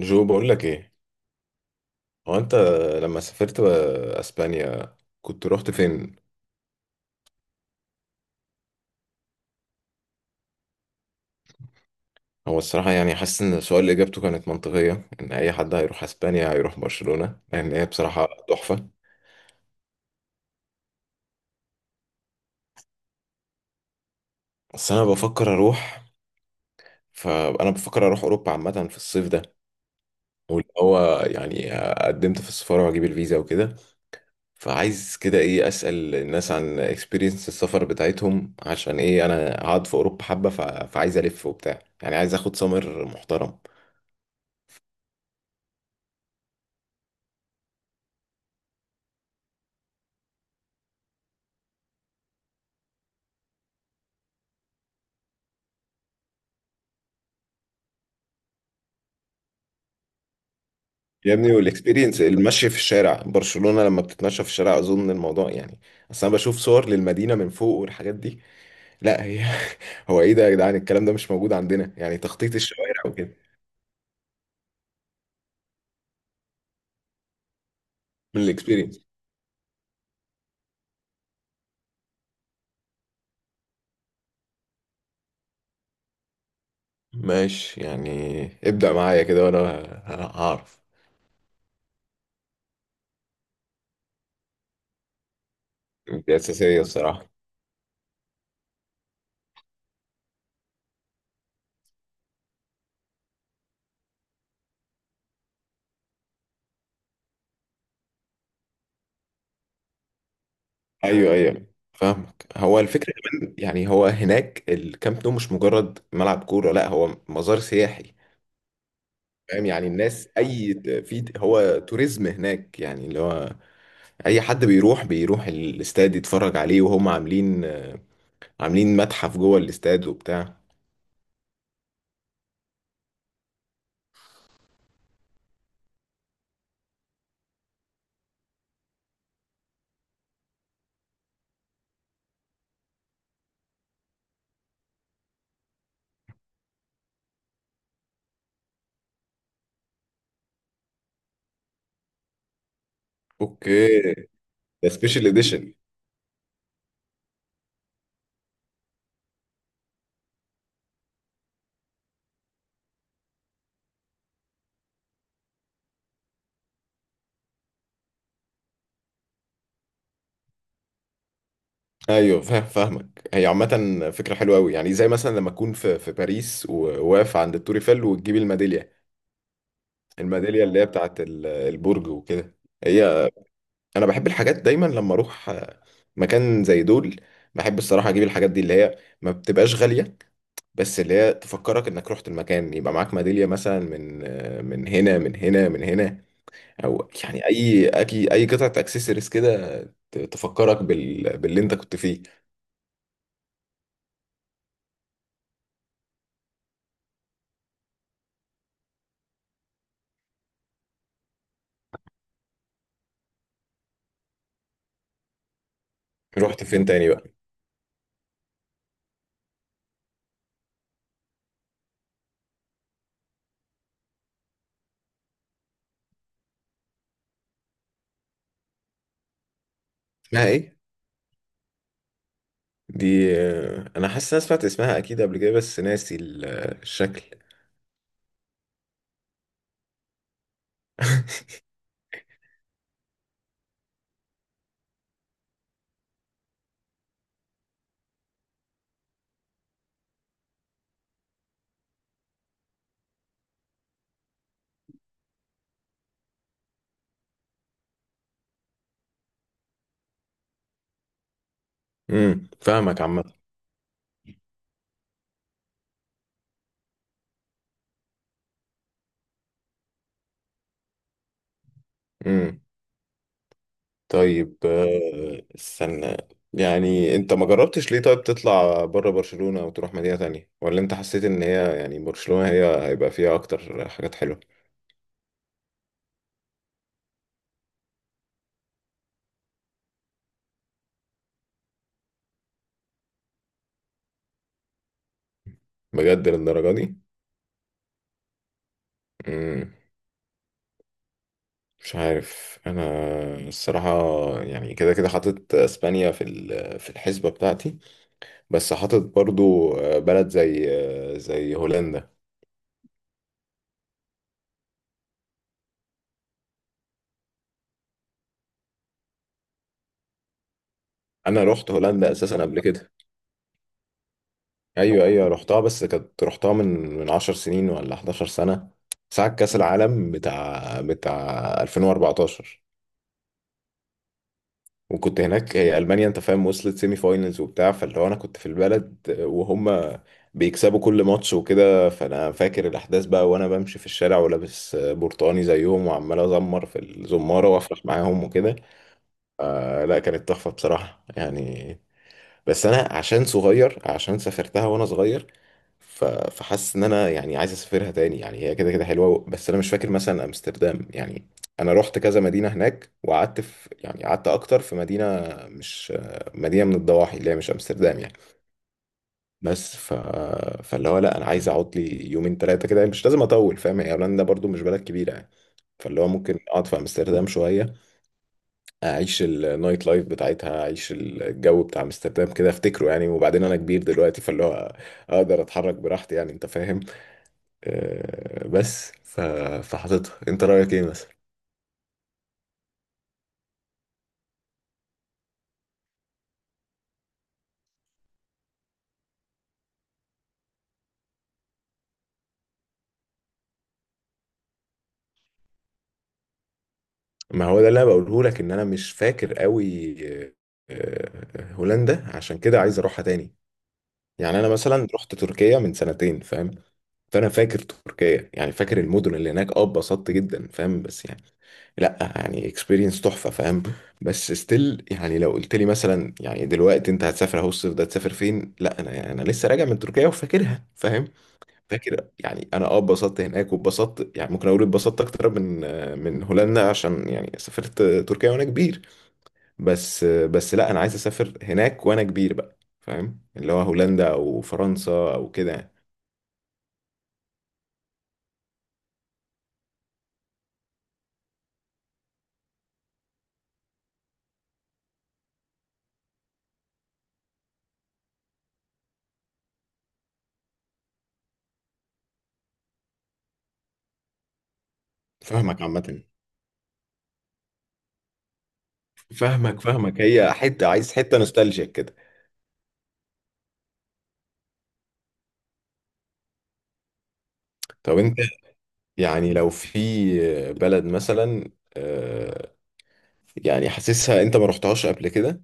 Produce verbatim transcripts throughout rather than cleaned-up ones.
جو بقول لك ايه؟ هو انت لما سافرت بقى اسبانيا كنت رحت فين؟ هو الصراحه يعني حاسس ان السؤال اجابته كانت منطقيه، ان اي حد هيروح اسبانيا هيروح برشلونه، لان هي بصراحه تحفه. بس انا بفكر اروح، فانا بفكر اروح اوروبا عامه في الصيف ده. واللي هو يعني قدمت في السفاره واجيب الفيزا وكده، فعايز كده ايه، اسال الناس عن اكسبيرينس السفر بتاعتهم، عشان ايه انا قاعد في اوروبا حبه، ف- فعايز الف وبتاع، يعني عايز اخد سمر محترم. يا ابني، والاكسبيرينس المشي في الشارع برشلونة، لما بتتمشى في الشارع اظن الموضوع يعني، اصل انا بشوف صور للمدينة من فوق والحاجات دي. لا هي. هو ايه ده يا جدعان؟ الكلام ده مش موجود عندنا، يعني تخطيط الشوارع وكده. من الاكسبيرينس. ماشي يعني، ابدأ معايا كده وانا ه- هعرف. دي اساسية الصراحة. ايوه، ايوه، فاهمك. هو الفكرة كمان، يعني هو هناك الكامب نو مش مجرد ملعب كورة، لا هو مزار سياحي. فاهم يعني الناس اي، في هو توريزم هناك، يعني اللي هو اي حد بيروح بيروح الاستاد يتفرج عليه، وهم عاملين عاملين متحف جوه الاستاد وبتاع. اوكي. ده سبيشال اديشن. ايوه فاهم، فاهمك. هي عامه فكره حلوه قوي، يعني زي مثلا لما اكون في في باريس وواقف عند التور ايفل وتجيب الميداليه، الميداليه اللي هي بتاعت ال- البرج وكده. هي انا بحب الحاجات دايما لما اروح مكان زي دول، بحب الصراحه اجيب الحاجات دي اللي هي ما بتبقاش غاليه، بس اللي هي تفكرك انك رحت المكان، يبقى معاك ميداليه مثلا من من هنا، من هنا، من هنا، او يعني اي اي اي قطعه اكسسوارز كده، ت- تفكرك بال... باللي انت كنت فيه. رحت فين تاني بقى؟ اسمها ايه؟ دي، آه، انا حاسس إن انا سمعت اسمها اكيد قبل كده، بس ناسي ال- الشكل. امم فاهمك عامه. امم طيب، آه، استنى. يعني انت ما جربتش ليه طيب تطلع بره برشلونة وتروح مدينة تانية، ولا انت حسيت ان هي يعني برشلونة هي هيبقى فيها اكتر حاجات حلوة؟ بجد للدرجة دي؟ مم. مش عارف انا الصراحة. يعني كده كده حاطط اسبانيا في ال- في الحسبة بتاعتي، بس حاطط برضو، آه، بلد زي، آه، زي هولندا. انا رحت هولندا اساسا قبل كده. ايوه، ايوه، رحتها بس كانت رحتها من من 10 سنين ولا احدعشر سنة سنه، ساعه كاس العالم بتاع بتاع ألفين وأربعة عشر. وكنت هناك، هي المانيا انت فاهم، وصلت سيمي فاينلز وبتاع، فاللي هو انا كنت في البلد وهم بيكسبوا كل ماتش وكده، فانا فاكر الاحداث بقى وانا بمشي في الشارع ولابس برتقاني زيهم وعمال ازمر في الزماره وافرح معاهم وكده. آه لا، كانت تحفه بصراحه يعني. بس انا عشان صغير، عشان سافرتها وانا صغير، ف- فحاسس ان انا يعني عايز اسافرها تاني، يعني هي كده كده حلوه، بس انا مش فاكر مثلا امستردام يعني. انا رحت كذا مدينه هناك، وقعدت في يعني قعدت اكتر في مدينه، مش مدينه من الضواحي اللي هي مش امستردام يعني. بس ف... فاللي هو لا انا عايز اقعد لي يومين ثلاثه كده، مش لازم اطول فاهم، هي هولندا برضو مش بلد كبيره يعني. فاللي هو ممكن اقعد في امستردام شويه، اعيش النايت لايف بتاعتها، اعيش الجو بتاع امستردام كده افتكره يعني. وبعدين انا كبير دلوقتي فاللي هو اقدر اتحرك براحتي يعني انت فاهم. أه بس ف- فحاططها، انت رايك ايه مثلا؟ ما هو ده اللي انا بقوله لك، ان انا مش فاكر قوي، أه هولندا، عشان كده عايز اروحها تاني. يعني انا مثلا رحت تركيا من سنتين فاهم، فانا فاكر تركيا، يعني فاكر المدن اللي هناك، اه اتبسطت جدا فاهم، بس يعني لا يعني اكسبيرينس تحفه فاهم. بس ستيل يعني لو قلت لي مثلا يعني دلوقتي انت هتسافر اهو الصيف ده تسافر فين، لا انا يعني، انا لسه راجع من تركيا وفاكرها فاهم. فاكر يعني انا، اه اتبسطت هناك، واتبسطت يعني ممكن اقول اتبسطت اكتر من من هولندا، عشان يعني سافرت تركيا وانا كبير. بس بس لا انا عايز اسافر هناك وانا كبير بقى فاهم، اللي هو هولندا او فرنسا او كده يعني. فاهمك عامه. فاهمك، فاهمك، هي حتة، عايز حتة نوستالجيك كده. طب انت يعني لو في بلد مثلا، آه، يعني حاسسها انت ما رحتهاش قبل كده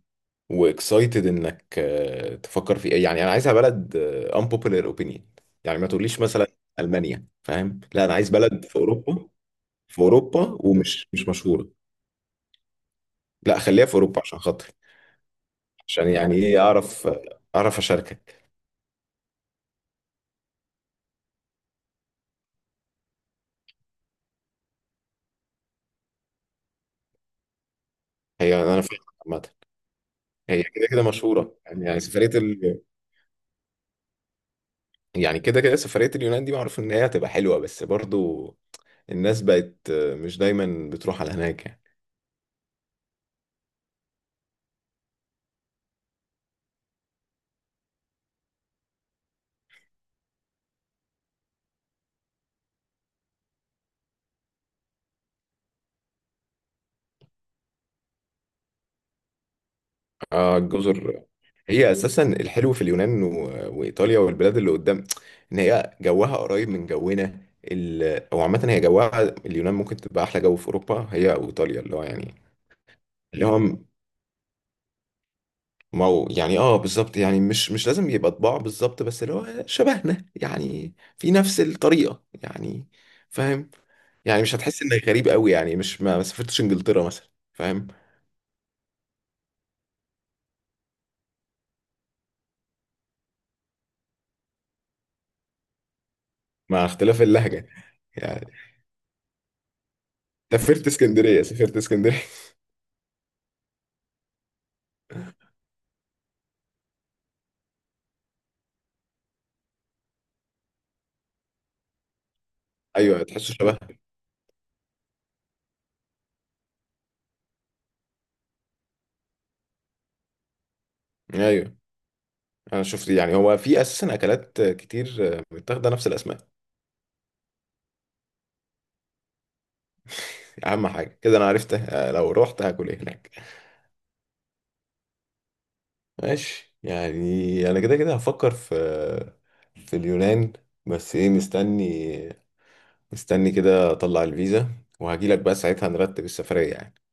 واكسايتد انك، آه، تفكر في ايه، يعني انا عايزها بلد، آه، unpopular opinion. يعني ما تقوليش مثلا ألمانيا فاهم، لا انا عايز بلد في اوروبا. في اوروبا ومش مش مشهورة. لا خليها في اوروبا عشان خاطري، عشان يعني ايه اعرف، اعرف اشاركك. هي انا فاهم عامة. هي كده كده مشهورة يعني، يعني سفرية. يعني كده كده سفرية، اليونان دي معروف إن هي هتبقى حلوة، بس برضو الناس بقت مش دايما بتروح على هناك يعني. آه الجزر. هي أساسا الحلو في اليونان و- وإيطاليا والبلاد اللي قدام، إن هي جوها قريب من جونا، ال... أو عامة هي جوها، اليونان ممكن تبقى أحلى جو في أوروبا، هي أو إيطاليا اللي هو يعني، اللي هو م- ما هو يعني، اه بالظبط، يعني مش مش لازم يبقى طباع بالظبط، بس اللي هو شبهنا يعني في نفس الطريقة يعني فاهم، يعني مش هتحس انك غريب قوي يعني، مش ما ما سافرتش انجلترا مثلا فاهم. مع اختلاف اللهجه. يعني سافرت اسكندريه سافرت اسكندريه. ايوه تحسه شبه. ايوه انا شفت، يعني هو في اساسا اكلات كتير متاخده نفس الاسماء. اهم حاجه كده انا عرفت لو رحت هاكل ايه هناك. ماشي يعني انا كده كده هفكر في في اليونان. بس ايه، مستني مستني كده اطلع الفيزا، وهجيلك بقى ساعتها نرتب السفريه يعني.